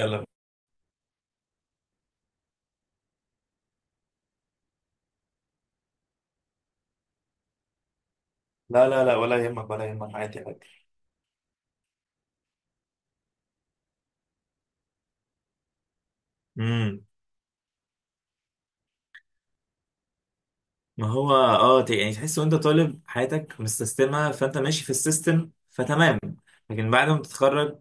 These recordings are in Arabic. يلا. لا لا لا، ولا يهمك ولا يهمك، عادي عادي. امم ما هو يعني تحس وانت طالب حياتك مستسلمه، فانت ماشي في السيستم فتمام. لكن بعد ما تتخرج.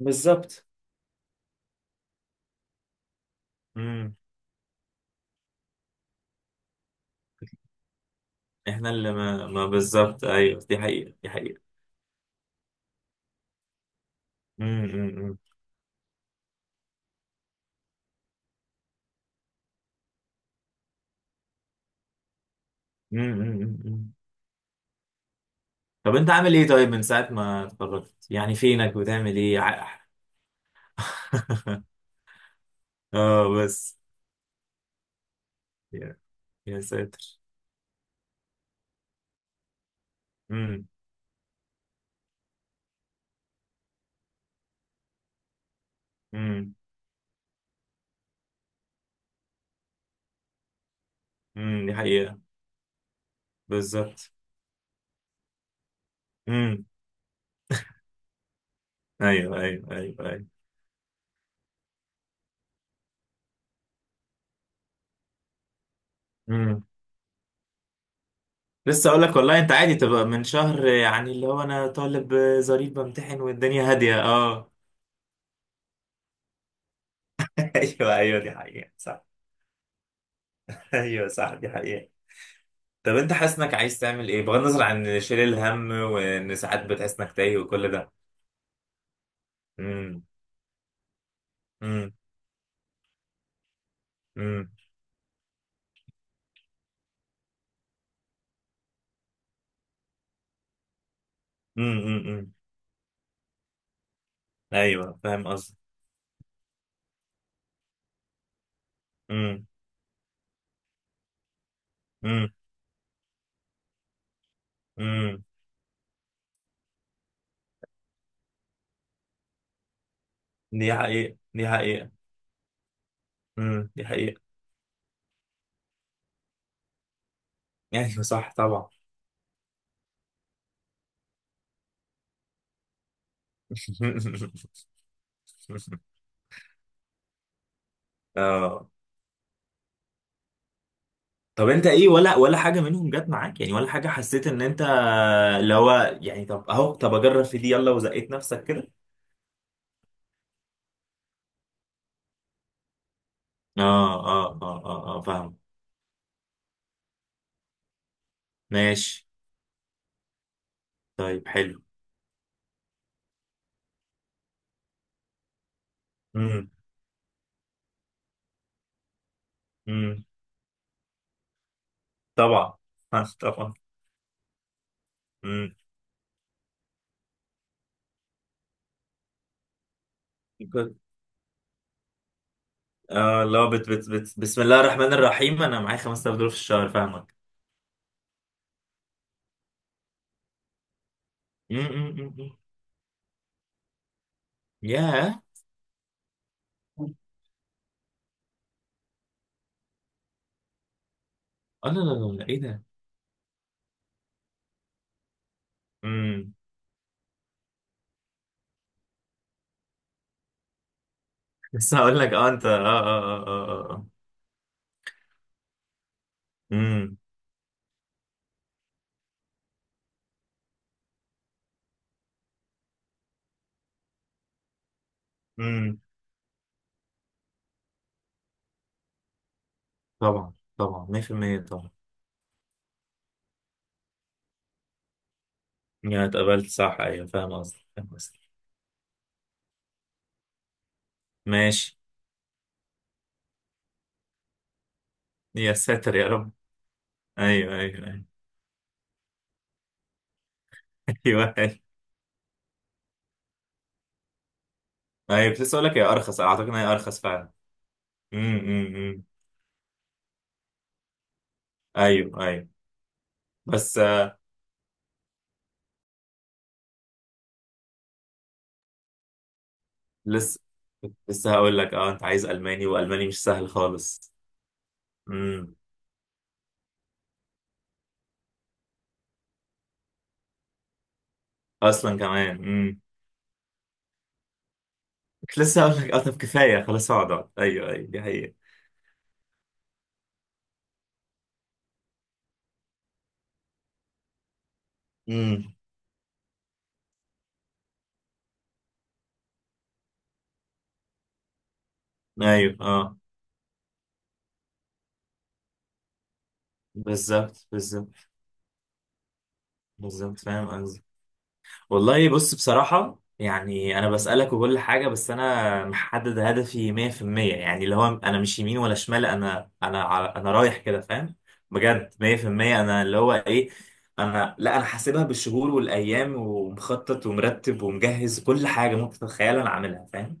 بالظبط. امم احنا اللي ما بالظبط. ايوه، دي حقيقه دي حقيقه. امم. أمم، أمم، أمم. طب انت عامل ايه؟ طيب، من ساعه ما اتخرجت يعني فينك بتعمل ايه اه بس. يا يا ساتر. امم امم امم، دي حقيقه. بالظبط. ايوه ايوه ايوه ايوه. امم. لسه اقول لك والله، انت عادي تبقى من شهر، يعني اللي هو انا طالب ظريف بمتحن والدنيا هاديه، اه. ايوه ايوه، دي حقيقة صح. ايوه صح، دي حقيقة. طب انت حاسس انك عايز تعمل ايه بغض النظر عن شيل الهم، وان ساعات بتحس انك تايه وكل ده؟ امم. امم امم امم. امم. ايوه فاهم قصدي. امم امم امم، دي حقيقة دي حقيقة. امم، دي حقيقة. ايوه صح طبعا. اه، طب انت ايه، ولا حاجه منهم جت معاك يعني، ولا حاجه حسيت ان انت اللي هو يعني، طب اهو طب اجرب في دي يلا وزقيت نفسك كده. اه اه اه اه اه، فاهم. ماشي. طيب حلو. امم امم. طبعا. آه، طبعا. امم. كنت- اه لا، بت بت بت بسم الله الرحمن الرحيم، انا معايا $5,000 في الشهر، فاهمك. امم امم امم امم. ياه. اه، لا لا لا لا، ايه ده؟ امم. بس هقول لك، اه انت اه اه اه اه اه آه. امم امم. طبعا طبعا 100% طبعا. يا اتقبلت صح، ايوه فاهم قصدي فاهم قصدي. ماشي. يا ساتر يا رب. ايوه ايوه ايوه. ايوه ايوه. أيوة، كنت لسه اقول لك هي ارخص، اعتقد ان هي ارخص فعلا. امم، أمم أمم. ايوه ايوه. بس آه، لسه. كنت لسه هقول لك، اه انت عايز الماني والماني مش سهل خالص. امم. اصلا كمان. امم. كنت لسه هقول لك، اه طب كفايه خلاص، اقعد اقعد. ايوه ايوه، دي حقيقه. امم. ايوه اه. بالظبط بالظبط. بالظبط فاهم قصدي. والله بص، بصراحة يعني أنا بسألك وكل حاجة، بس أنا محدد هدفي 100%، يعني اللي هو أنا مش يمين ولا شمال، أنا رايح كده فاهم. بجد 100%. أنا اللي هو إيه، لا أنا حاسبها بالشهور والأيام، ومخطط ومرتب ومجهز، كل حاجة ممكن تتخيلها أنا عاملها فاهم.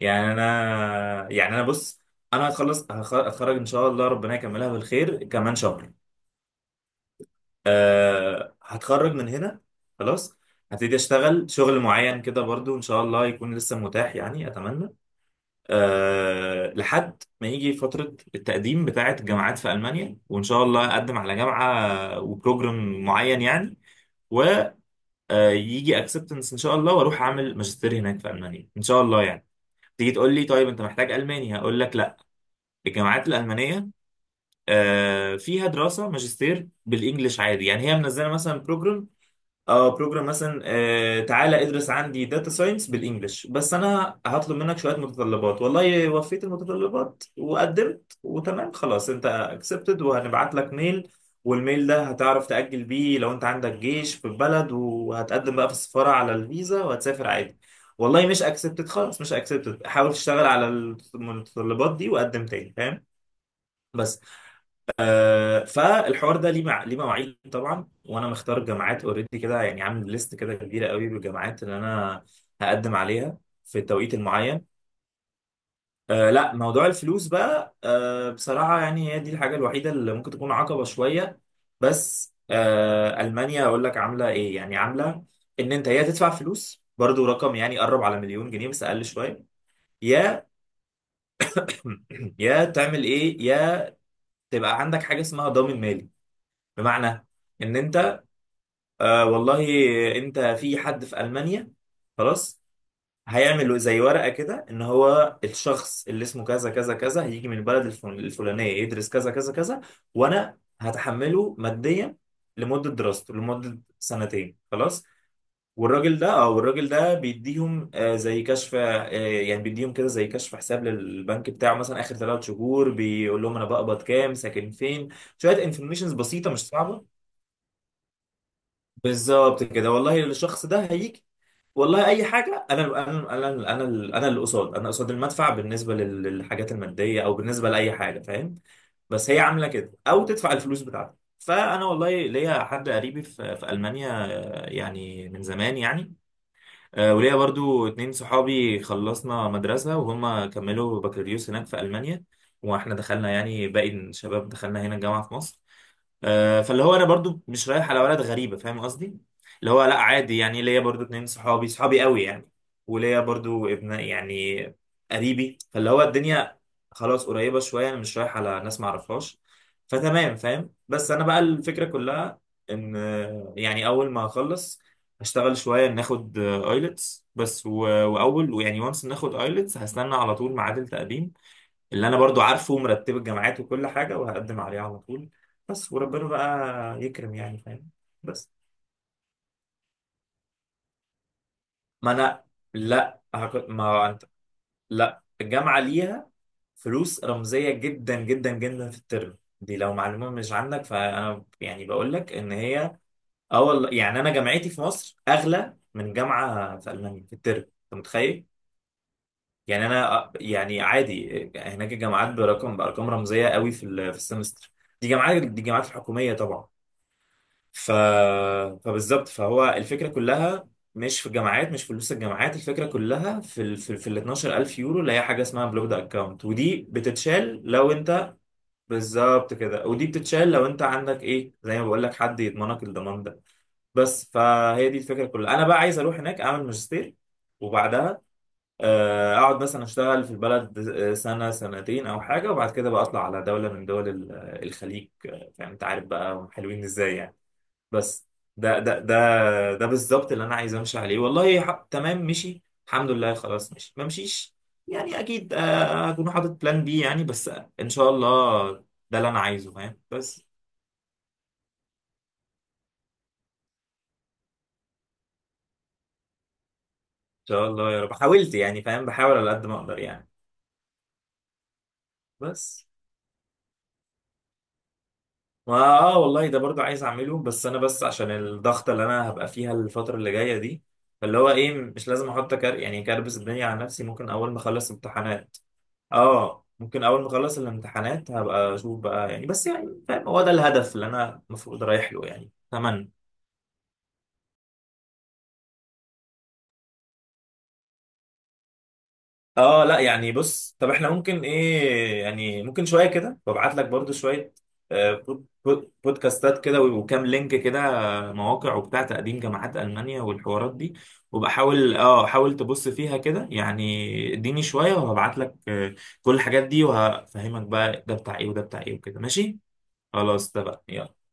يعني أنا يعني أنا بص، هتخرج إن شاء الله، ربنا يكملها بالخير كمان شهر. آه، هتخرج من هنا خلاص. هبتدي اشتغل شغل معين كده برضو، ان شاء الله يكون لسه متاح يعني اتمنى. آه، لحد ما يجي فترة التقديم بتاعة الجامعات في المانيا، وان شاء الله اقدم على جامعة وبروجرام معين يعني، ويجي اكسبتنس ان شاء الله، واروح اعمل ماجستير هناك في المانيا ان شاء الله يعني. تيجي تقول لي طيب انت محتاج الماني، هقول لك لا. الجامعات الالمانيه آه، فيها دراسه ماجستير بالانجلش عادي، يعني هي منزله مثلا بروجرام. اه، بروجرام مثلا آه تعالى ادرس عندي داتا ساينس بالانجلش، بس انا هطلب منك شويه متطلبات. والله وفيت المتطلبات وقدمت وتمام، خلاص انت اكسبتد وهنبعت لك ميل. والميل ده هتعرف تأجل بيه لو انت عندك جيش في البلد، وهتقدم بقى في السفاره على الفيزا وهتسافر عادي. والله مش اكسبتد، خلاص مش اكسبتد، حاول تشتغل على المتطلبات دي وقدم تاني فاهم. بس آه، فالحوار ده ليه ليه مواعيد طبعا، وانا مختار جامعات اوريدي كده يعني، عامل ليست كده كبيره قوي بالجامعات اللي انا هقدم عليها في التوقيت المعين. آه لا، موضوع الفلوس بقى آه بصراحه، يعني هي دي الحاجه الوحيده اللي ممكن تكون عقبه شويه. بس آه، المانيا اقول لك عامله ايه. يعني عامله ان انت يا تدفع فلوس، برضو رقم يعني قرب على مليون جنيه بس اقل شويه، يا يا تعمل ايه، يا تبقى عندك حاجه اسمها ضامن مالي، بمعنى ان انت آه والله انت في حد في المانيا خلاص، هيعمل زي ورقه كده، ان هو الشخص اللي اسمه كذا كذا كذا هيجي من البلد الفلانيه يدرس كذا كذا كذا، وانا هتحمله ماديا لمده دراسته، لمده سنتين خلاص. والراجل ده او الراجل ده بيديهم آه زي كشف، آه يعني بيديهم كده زي كشف حساب للبنك بتاعه، مثلا اخر 3 شهور بيقول لهم انا بقبض كام، ساكن فين، شويه انفورميشنز بسيطه مش صعبه. بالظبط كده والله، الشخص ده هيجي، والله اي حاجه، انا انا انا انا اللي قصاد، انا قصاد المدفع بالنسبه للحاجات الماديه، او بالنسبه لاي حاجه فاهم. بس هي عامله كده، او تدفع الفلوس بتاعتك، فانا والله ليا حد قريبي في المانيا آه، يعني من زمان يعني. آه، وليا برضو اتنين صحابي خلصنا مدرسه، وهم كملوا بكالوريوس هناك في المانيا، واحنا دخلنا يعني باقي الشباب دخلنا هنا الجامعه في مصر. آه، فاللي هو انا برضو مش رايح على بلد غريبه فاهم قصدي. اللي هو لا عادي يعني، ليا برضو اتنين صحابي صحابي قوي يعني، وليا برضو ابن يعني قريبي، فاللي هو الدنيا خلاص قريبه شويه، انا مش رايح على ناس ما اعرفهاش فتمام فاهم. بس انا بقى الفكره كلها ان آه، يعني اول ما اخلص هشتغل شويه ناخد ايلتس بس واول ويعني وانس ناخد ايلتس هستنى على طول ميعاد التقديم، اللي انا برضو عارفه ومرتب الجامعات وكل حاجه، وهقدم عليه على طول بس، وربنا بقى يكرم يعني فاهم. بس، ما انا ما انت. لا الجامعه ليها فلوس رمزيه جدا جدا جدا في الترم دي، لو معلومه مش عندك فانا يعني بقول لك ان هي اه والله، يعني انا جامعتي في مصر اغلى من جامعه في المانيا في الترم، انت متخيل. يعني انا آه، يعني عادي هناك الجامعات برقم بارقام رمزيه قوي في السمستر، دي جامعات دي جامعات الحكوميه طبعا. ف... فبالظبط، فهو الفكرة كلها مش في الجامعات، مش في فلوس الجامعات، الفكرة كلها في ال 12,000 يورو اللي هي حاجة اسمها بلوكد اكونت، ودي بتتشال لو انت بالظبط كده. ودي بتتشال لو انت عندك ايه، زي ما بقول لك حد يضمنك، الضمان ده بس. فهي دي الفكرة كلها، انا بقى عايز اروح هناك اعمل ماجستير، وبعدها آه، اقعد مثلا اشتغل في البلد آه، سنة سنتين او حاجة، وبعد كده بقى اطلع على دولة من دول الخليج آه، فاهم انت عارف بقى هم حلوين ازاي يعني بس. ده بالظبط اللي انا عايز امشي عليه والله، تمام مشي الحمد لله خلاص، مشي ما مشيش يعني، اكيد آه، هكون حاطط بلان بي يعني بس، ان شاء الله. ده اللي انا عايزه فاهم بس. ان شاء الله يا رب، حاولت يعني فاهم، بحاول على قد ما اقدر يعني. بس ما اه والله ده برضو عايز اعمله، بس انا بس عشان الضغطه اللي انا هبقى فيها الفتره اللي جايه دي، فاللي هو ايه مش لازم احط كار يعني كربس الدنيا على نفسي، ممكن اول ما اخلص امتحانات، اه ممكن اول ما اخلص الامتحانات هبقى اشوف بقى يعني بس، يعني فاهم هو ده الهدف اللي انا المفروض رايح له يعني تمام. اه لا يعني بص، طب احنا ممكن ايه يعني، ممكن شويه كده وابعت لك برضو شويه آه، بودكاستات كده وكام لينك كده آه، مواقع وبتاع تقديم جامعات المانيا والحوارات دي، وبقى حاول اه حاول تبص فيها كده يعني، اديني شويه وهبعت لك آه، كل الحاجات دي وهفهمك بقى ده بتاع ايه وده بتاع ايه وكده ماشي. خلاص ده بقى، يلا.